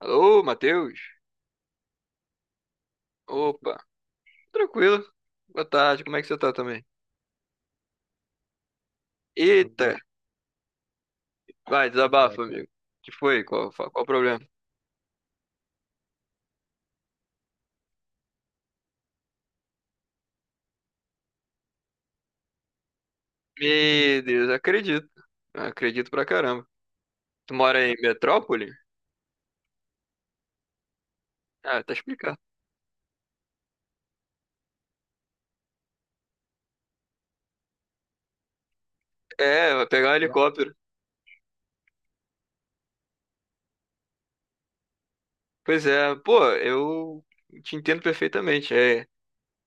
Alô, Matheus? Opa, tranquilo. Boa tarde, como é que você tá também? Eita, vai, desabafa, amigo. O Que foi? Qual o problema? Meu Deus, acredito. Acredito pra caramba. Tu mora em Metrópole? Ah, tá explicado. É, vai pegar um helicóptero. Pois é, pô, eu te entendo perfeitamente. É,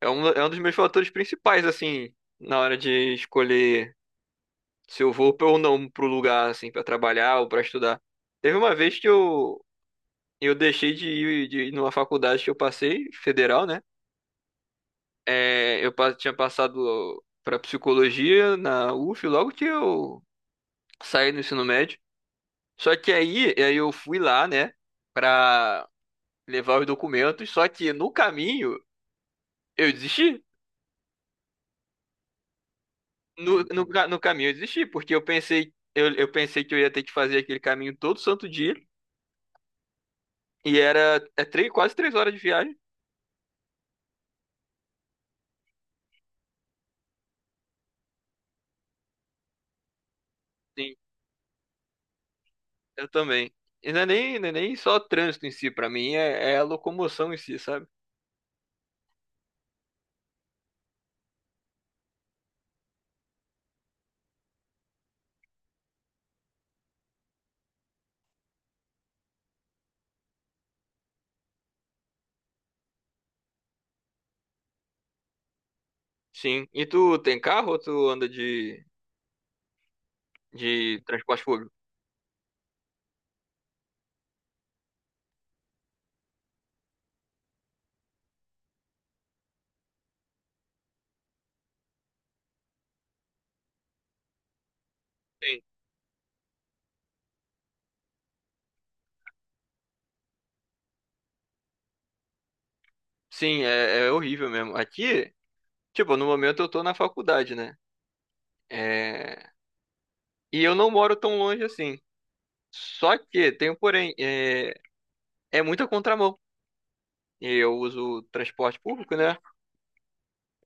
é um, é um dos meus fatores principais, assim, na hora de escolher se eu vou ou não pro lugar, assim, pra trabalhar ou pra estudar. Teve uma vez que eu deixei de ir numa faculdade que eu passei, federal, né? Eu tinha passado para psicologia na UF logo que eu saí do ensino médio. Só que aí eu fui lá, né, pra levar os documentos. Só que no caminho eu desisti. No caminho eu desisti, porque eu pensei que eu ia ter que fazer aquele caminho todo santo dia. E quase 3 horas de viagem. Eu também. E não é nem só trânsito em si, pra mim é a locomoção em si, sabe? Sim. E tu tem carro ou tu anda de transporte público? Sim. Sim, é horrível mesmo. Aqui, tipo, no momento eu tô na faculdade, né? É... E eu não moro tão longe assim. Só que, tem um porém, é muita contramão. E eu uso transporte público, né?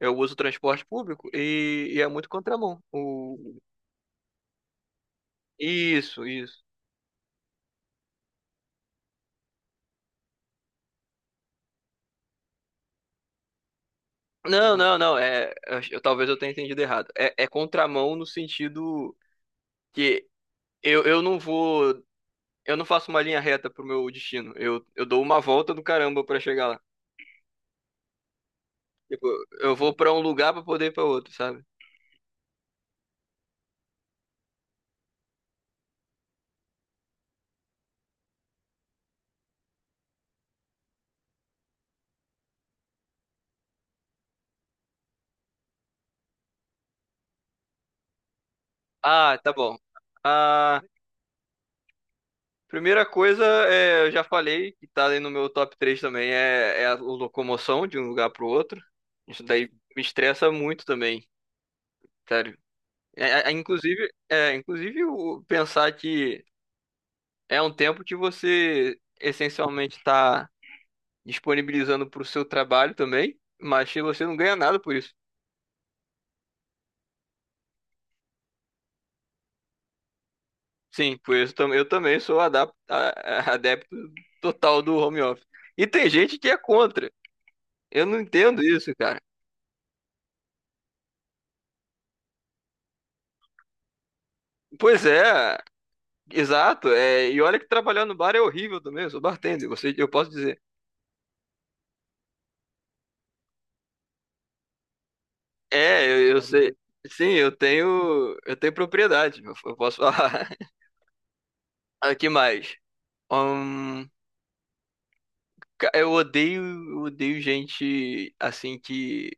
Eu uso transporte público e é muito contramão. Isso, isso. Não, não, não. Talvez eu tenha entendido errado. É contramão no sentido que eu não vou. Eu não faço uma linha reta pro meu destino. Eu dou uma volta do caramba pra chegar lá. Tipo, eu vou pra um lugar pra poder ir pra outro, sabe? Ah, tá bom. A primeira coisa, eu já falei, que tá ali no meu top 3 também, é a locomoção de um lugar pro outro. Isso daí me estressa muito também, sério. Inclusive o pensar que. É um tempo que você essencialmente está disponibilizando para o seu trabalho também, mas que você não ganha nada por isso. Sim, por isso eu também sou adepto total do home office. E tem gente que é contra. Eu não entendo isso, cara. Pois é, exato. E olha que trabalhar no bar é horrível também. Eu sou bartender, eu posso dizer. Eu sei. Sim, eu tenho propriedade. Eu posso falar. Aqui mais. Um, Ca- Eu odeio, eu odeio gente assim que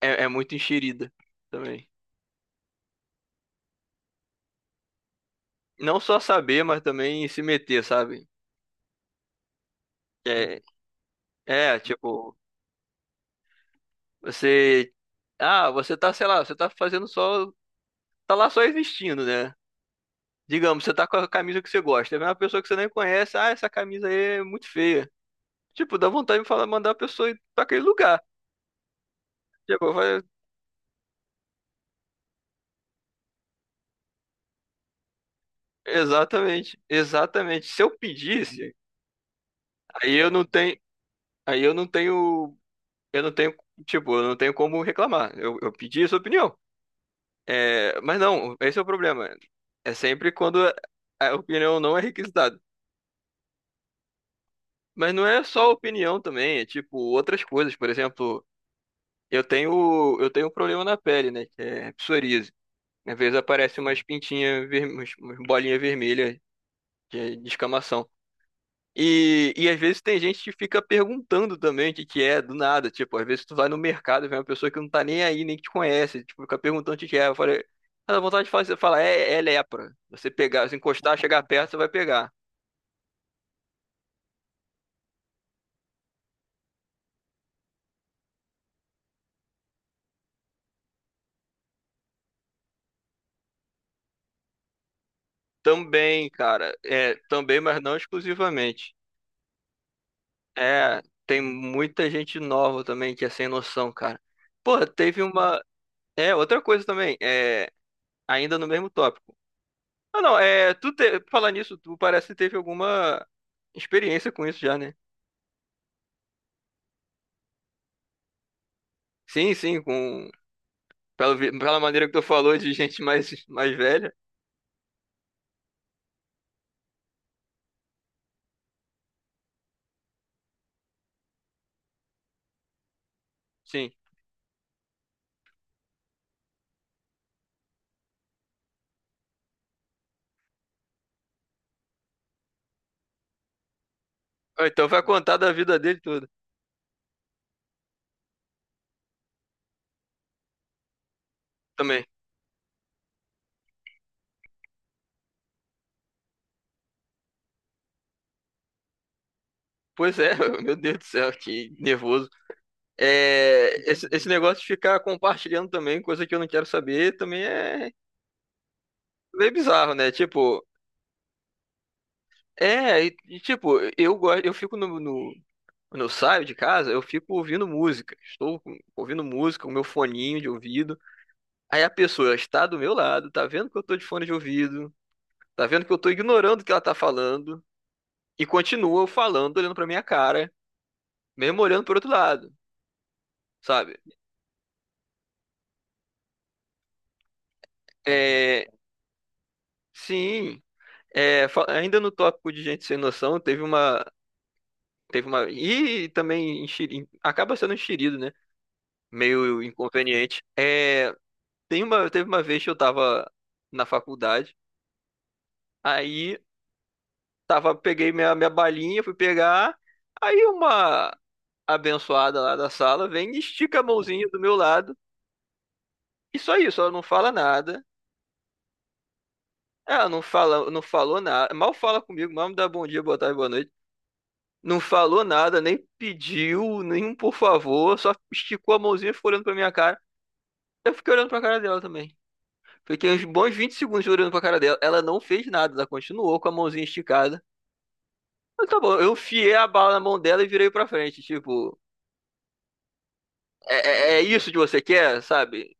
é muito enxerida também. Não só saber, mas também se meter, sabe? É, é, tipo, você. Ah, você tá, sei lá, você tá fazendo só. Tá lá só existindo, né? Digamos, você tá com a camisa que você gosta. Vem uma pessoa que você nem conhece, ah, essa camisa aí é muito feia. Tipo, dá vontade de falar, mandar a pessoa ir pra aquele lugar. Tipo, eu falei, exatamente, exatamente. Se eu pedisse, aí eu não tenho. Aí eu não tenho. Eu não tenho, eu não tenho como reclamar. Eu pedi a sua opinião. É, mas não, esse é o problema. É sempre quando a opinião não é requisitada. Mas não é só opinião também, é tipo outras coisas. Por exemplo, eu tenho um problema na pele, né? Que é psoríase. Às vezes aparece umas pintinhas, umas bolinhas vermelhas de escamação. E às vezes tem gente que fica perguntando também o que que é do nada. Tipo, às vezes tu vai no mercado e vê uma pessoa que não tá nem aí, nem que te conhece. Tipo, fica perguntando o que que é. Eu falei, ah, dá vontade de falar, você fala, é lepra. Você pegar, se encostar, chegar perto, você vai pegar. Também, cara, também, mas não exclusivamente. É, tem muita gente nova também que é sem noção, cara. Porra, teve uma. Outra coisa também, ainda no mesmo tópico. Ah, não, falar nisso, tu parece que teve alguma experiência com isso já, né? Sim, sim, pela maneira que tu falou de gente mais velha. Sim. Ah, então vai contar da vida dele toda também. Pois é, meu Deus do céu, que nervoso. Esse negócio de ficar compartilhando também coisa que eu não quero saber também é meio bizarro, né? Tipo, eu fico no, no quando eu saio de casa, eu fico ouvindo música. Estou ouvindo música, o meu foninho de ouvido. Aí a pessoa está do meu lado, tá vendo que eu tô de fone de ouvido, tá vendo que eu tô ignorando o que ela tá falando, e continua falando, olhando pra minha cara, mesmo olhando pro outro lado, sabe? É, sim, ainda no tópico de gente sem noção, teve uma, e também acaba sendo enxerido, né? Meio inconveniente. Teve uma vez que eu tava na faculdade, aí peguei minha balinha, fui pegar, aí uma abençoada lá da sala vem e estica a mãozinha do meu lado. E só isso, ela não fala nada. Ela não falou nada. Mal fala comigo, mal me dá bom dia, boa tarde, boa noite. Não falou nada, nem pediu, nem um por favor, só esticou a mãozinha e ficou olhando pra minha cara. Eu fiquei olhando pra cara dela também. Fiquei uns bons 20 segundos olhando pra cara dela. Ela não fez nada, ela continuou com a mãozinha esticada. Eu, tá bom, eu enfiei a bala na mão dela e virei pra frente. Tipo, é isso que você quer, sabe?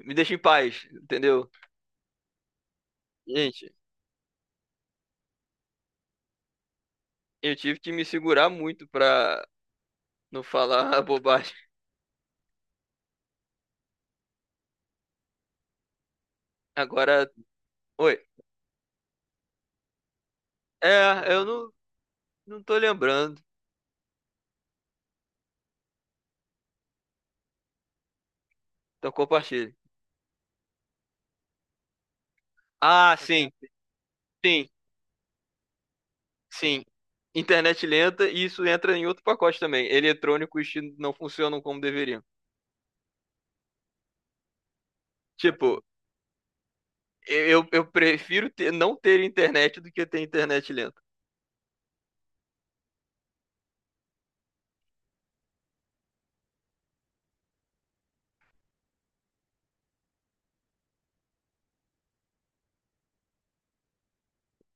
Me deixa em paz, entendeu? Gente, eu tive que me segurar muito pra não falar a bobagem. Agora, oi. Eu não tô lembrando. Então compartilhe. Ah, sim, sim, sim. Internet lenta e isso entra em outro pacote também. Eletrônicos que não funcionam como deveriam. Tipo, eu prefiro não ter internet do que ter internet lenta.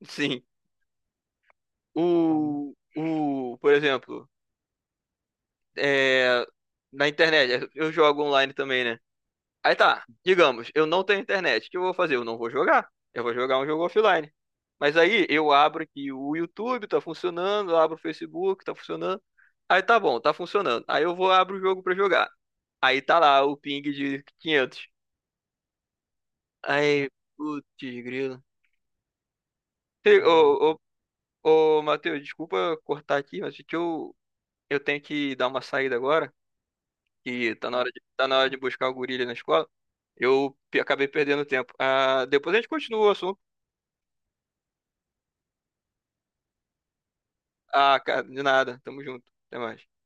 Sim. Por exemplo, é, na internet, eu jogo online também, né? Aí tá, digamos, eu não tenho internet. O que eu vou fazer? Eu não vou jogar. Eu vou jogar um jogo offline. Mas aí eu abro aqui o YouTube, tá funcionando, eu abro o Facebook, tá funcionando. Aí tá bom, tá funcionando. Aí eu vou abro o jogo pra jogar. Aí tá lá o ping de 500. Aí, putz, grilo. Ei, Ô, ô, ô, Matheus, desculpa cortar aqui, mas é que eu tenho que dar uma saída agora, que tá na hora de buscar o gorila na escola. Acabei perdendo tempo. Ah, depois a gente continua o assunto. Ah, cara, de nada. Tamo junto. Até mais.